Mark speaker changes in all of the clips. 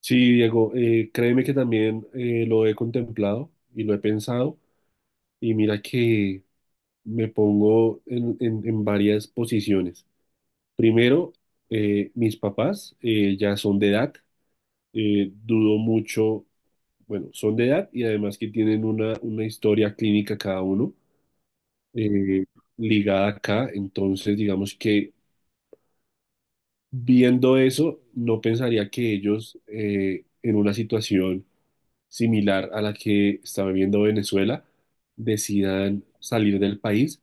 Speaker 1: Sí, Diego, créeme que también lo he contemplado y lo he pensado y mira que me pongo en varias posiciones. Primero, mis papás ya son de edad, dudo mucho, bueno, son de edad y además que tienen una historia clínica cada uno eh, ligada acá, entonces digamos que viendo eso, no pensaría que ellos en una situación similar a la que está viviendo Venezuela, decidan salir del país.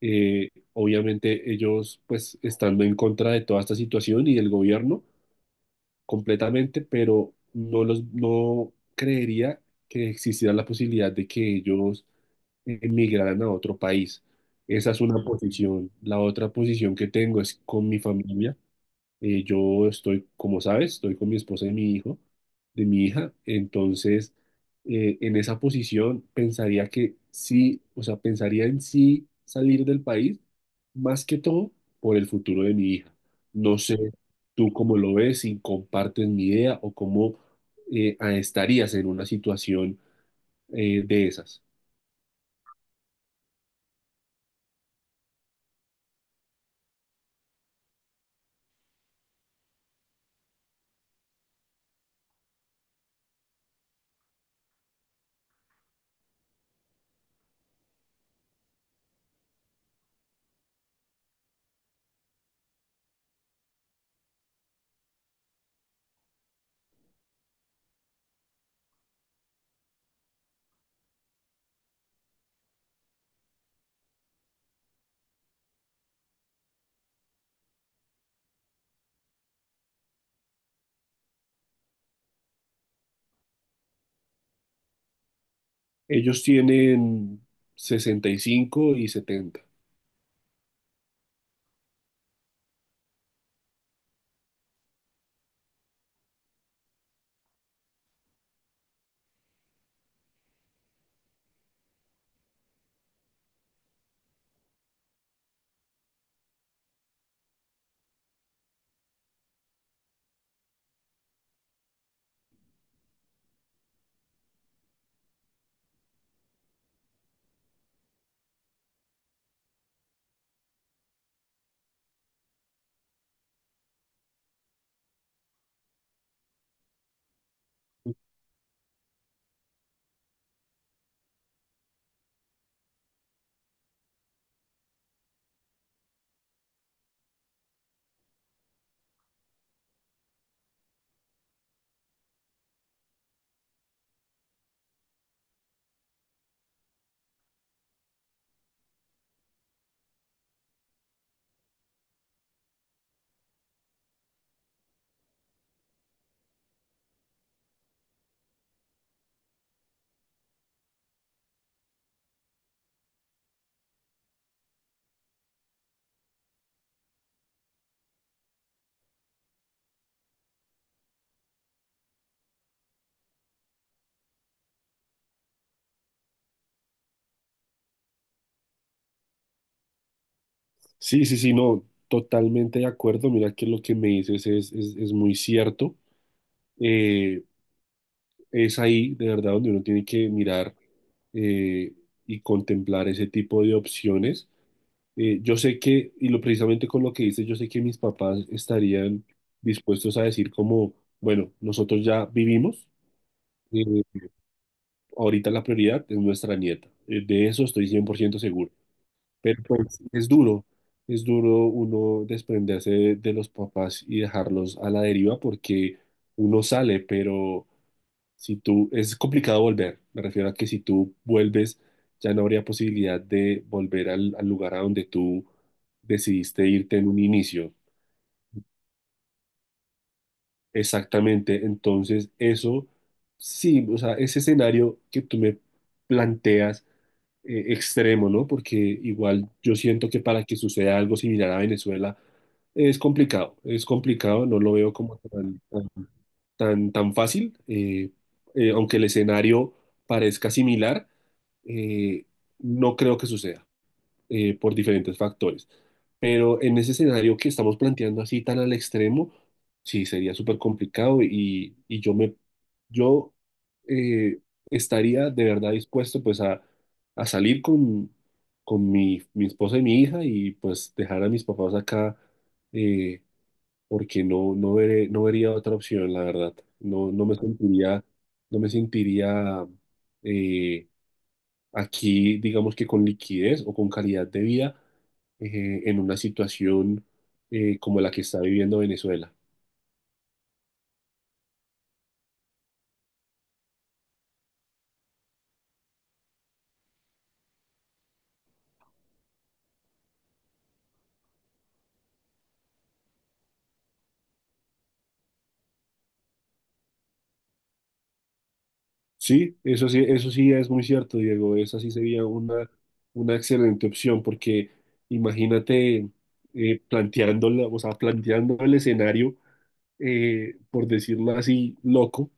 Speaker 1: Obviamente ellos pues estando en contra de toda esta situación y del gobierno completamente, pero no creería que existiera la posibilidad de que ellos emigraran a otro país. Esa es una posición. La otra posición que tengo es con mi familia. Yo estoy, como sabes, estoy con mi esposa y mi hijo, de mi hija, entonces en esa posición pensaría que sí, o sea, pensaría en sí salir del país, más que todo por el futuro de mi hija. No sé tú cómo lo ves, si compartes mi idea o cómo estarías en una situación de esas. Ellos tienen 65 y 70. Sí, sí, sí, no, totalmente de acuerdo. Mira que lo que me dices es muy cierto. Eh, es ahí, de verdad, donde uno tiene que mirar eh, y contemplar ese tipo de opciones. Yo sé que, y lo precisamente con lo que dices, yo sé que mis papás estarían dispuestos a decir como, bueno, nosotros ya vivimos, eh, ahorita la prioridad es nuestra nieta. De eso estoy 100% seguro. Pero pues es duro uno desprenderse de los papás y dejarlos a la deriva porque uno sale, pero si tú, es complicado volver. Me refiero a que si tú vuelves, ya no habría posibilidad de volver al lugar a donde tú decidiste irte en un inicio. Exactamente, entonces eso, sí, o sea, ese escenario que tú me planteas extremo, ¿no? Porque igual yo siento que para que suceda algo similar a Venezuela es complicado, no lo veo como tan fácil, aunque el escenario parezca similar, eh, no creo que suceda por diferentes factores. Pero en ese escenario que estamos planteando así tan al extremo, sí sería súper complicado y, yo eh, estaría de verdad dispuesto pues a salir con mi esposa y mi hija y pues dejar a mis papás acá eh, porque no, no vería otra opción, la verdad. No, no me sentiría, no me sentiría eh, aquí, digamos que con liquidez o con calidad de vida en una situación como la que está viviendo Venezuela. Sí, eso sí, eso sí es muy cierto, Diego. Esa sí sería una excelente opción porque imagínate planteándola, o sea, planteando el escenario, por decirlo así, loco,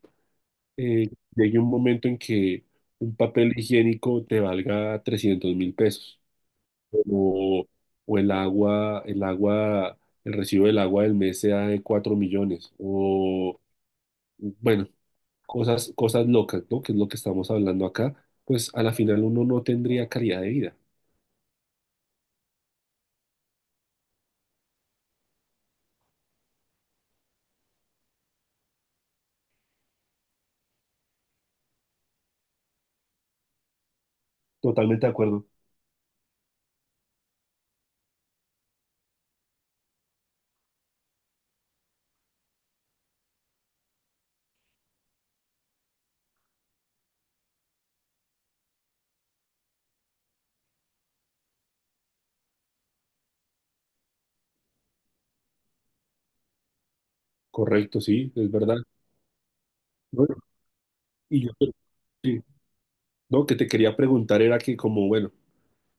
Speaker 1: eh, llegue un momento en que un papel higiénico te valga 300.000 pesos. O, o el agua, el agua, el recibo del agua del mes sea de 4.000.000, o bueno, cosas, cosas locas, ¿no? Que es lo que estamos hablando acá, pues a la final uno no tendría calidad de vida. Totalmente de acuerdo. Correcto, sí, es verdad. Bueno, y yo sí, no, que te quería preguntar era que como, bueno,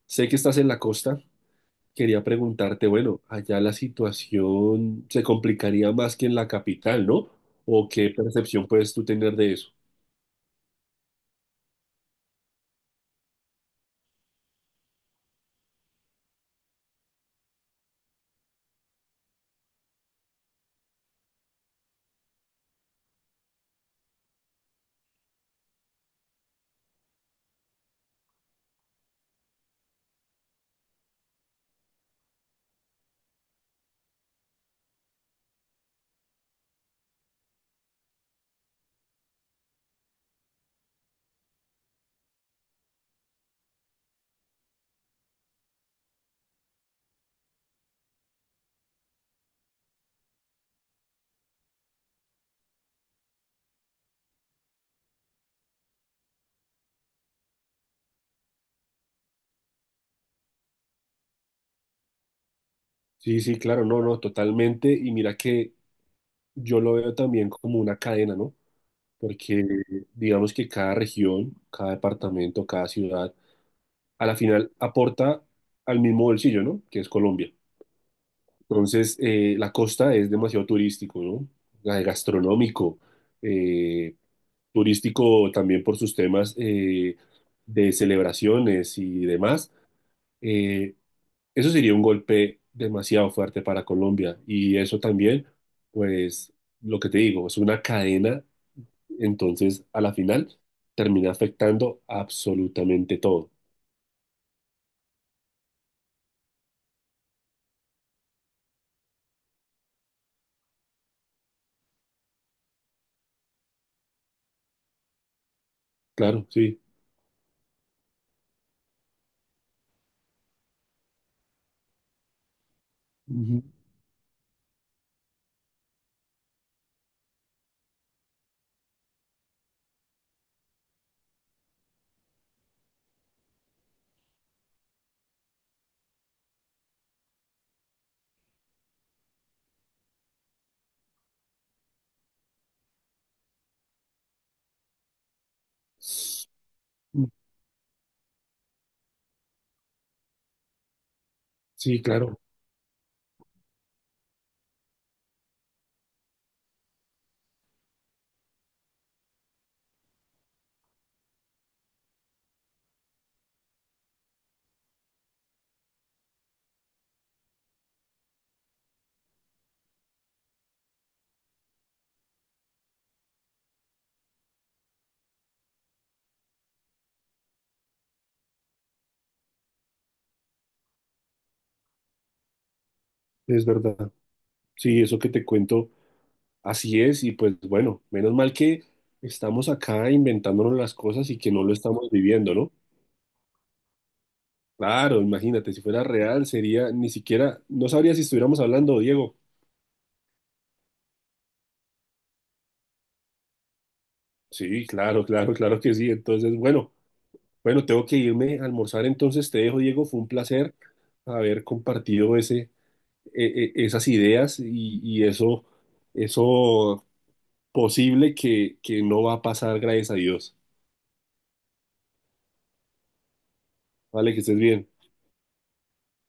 Speaker 1: sé que estás en la costa, quería preguntarte, bueno, allá la situación se complicaría más que en la capital, ¿no? ¿O qué percepción puedes tú tener de eso? Sí, sí, claro, no, no, totalmente. Y mira que yo lo veo también como una cadena, ¿no? Porque digamos que cada región, cada departamento, cada ciudad, a la final aporta al mismo bolsillo, ¿no? Que es Colombia. Entonces, la costa es demasiado turístico, ¿no? De gastronómico, eh, turístico también por sus temas de celebraciones y demás. Eh, Eso sería un golpe demasiado fuerte para Colombia y eso también, pues lo que te digo, es una cadena, entonces a la final termina afectando absolutamente todo. Claro, sí. Ujú. Sí, claro, es verdad. Sí, eso que te cuento, así es y pues bueno, menos mal que estamos acá inventándonos las cosas y que no lo estamos viviendo, ¿no? Claro, imagínate, si fuera real sería, ni siquiera, no sabría si estuviéramos hablando, Diego. Sí, claro, claro, claro que sí. Entonces, bueno, bueno, tengo que irme a almorzar, entonces te dejo, Diego. Fue un placer haber compartido ese, esas ideas y eso posible que no va a pasar, gracias a Dios. Vale, que estés bien.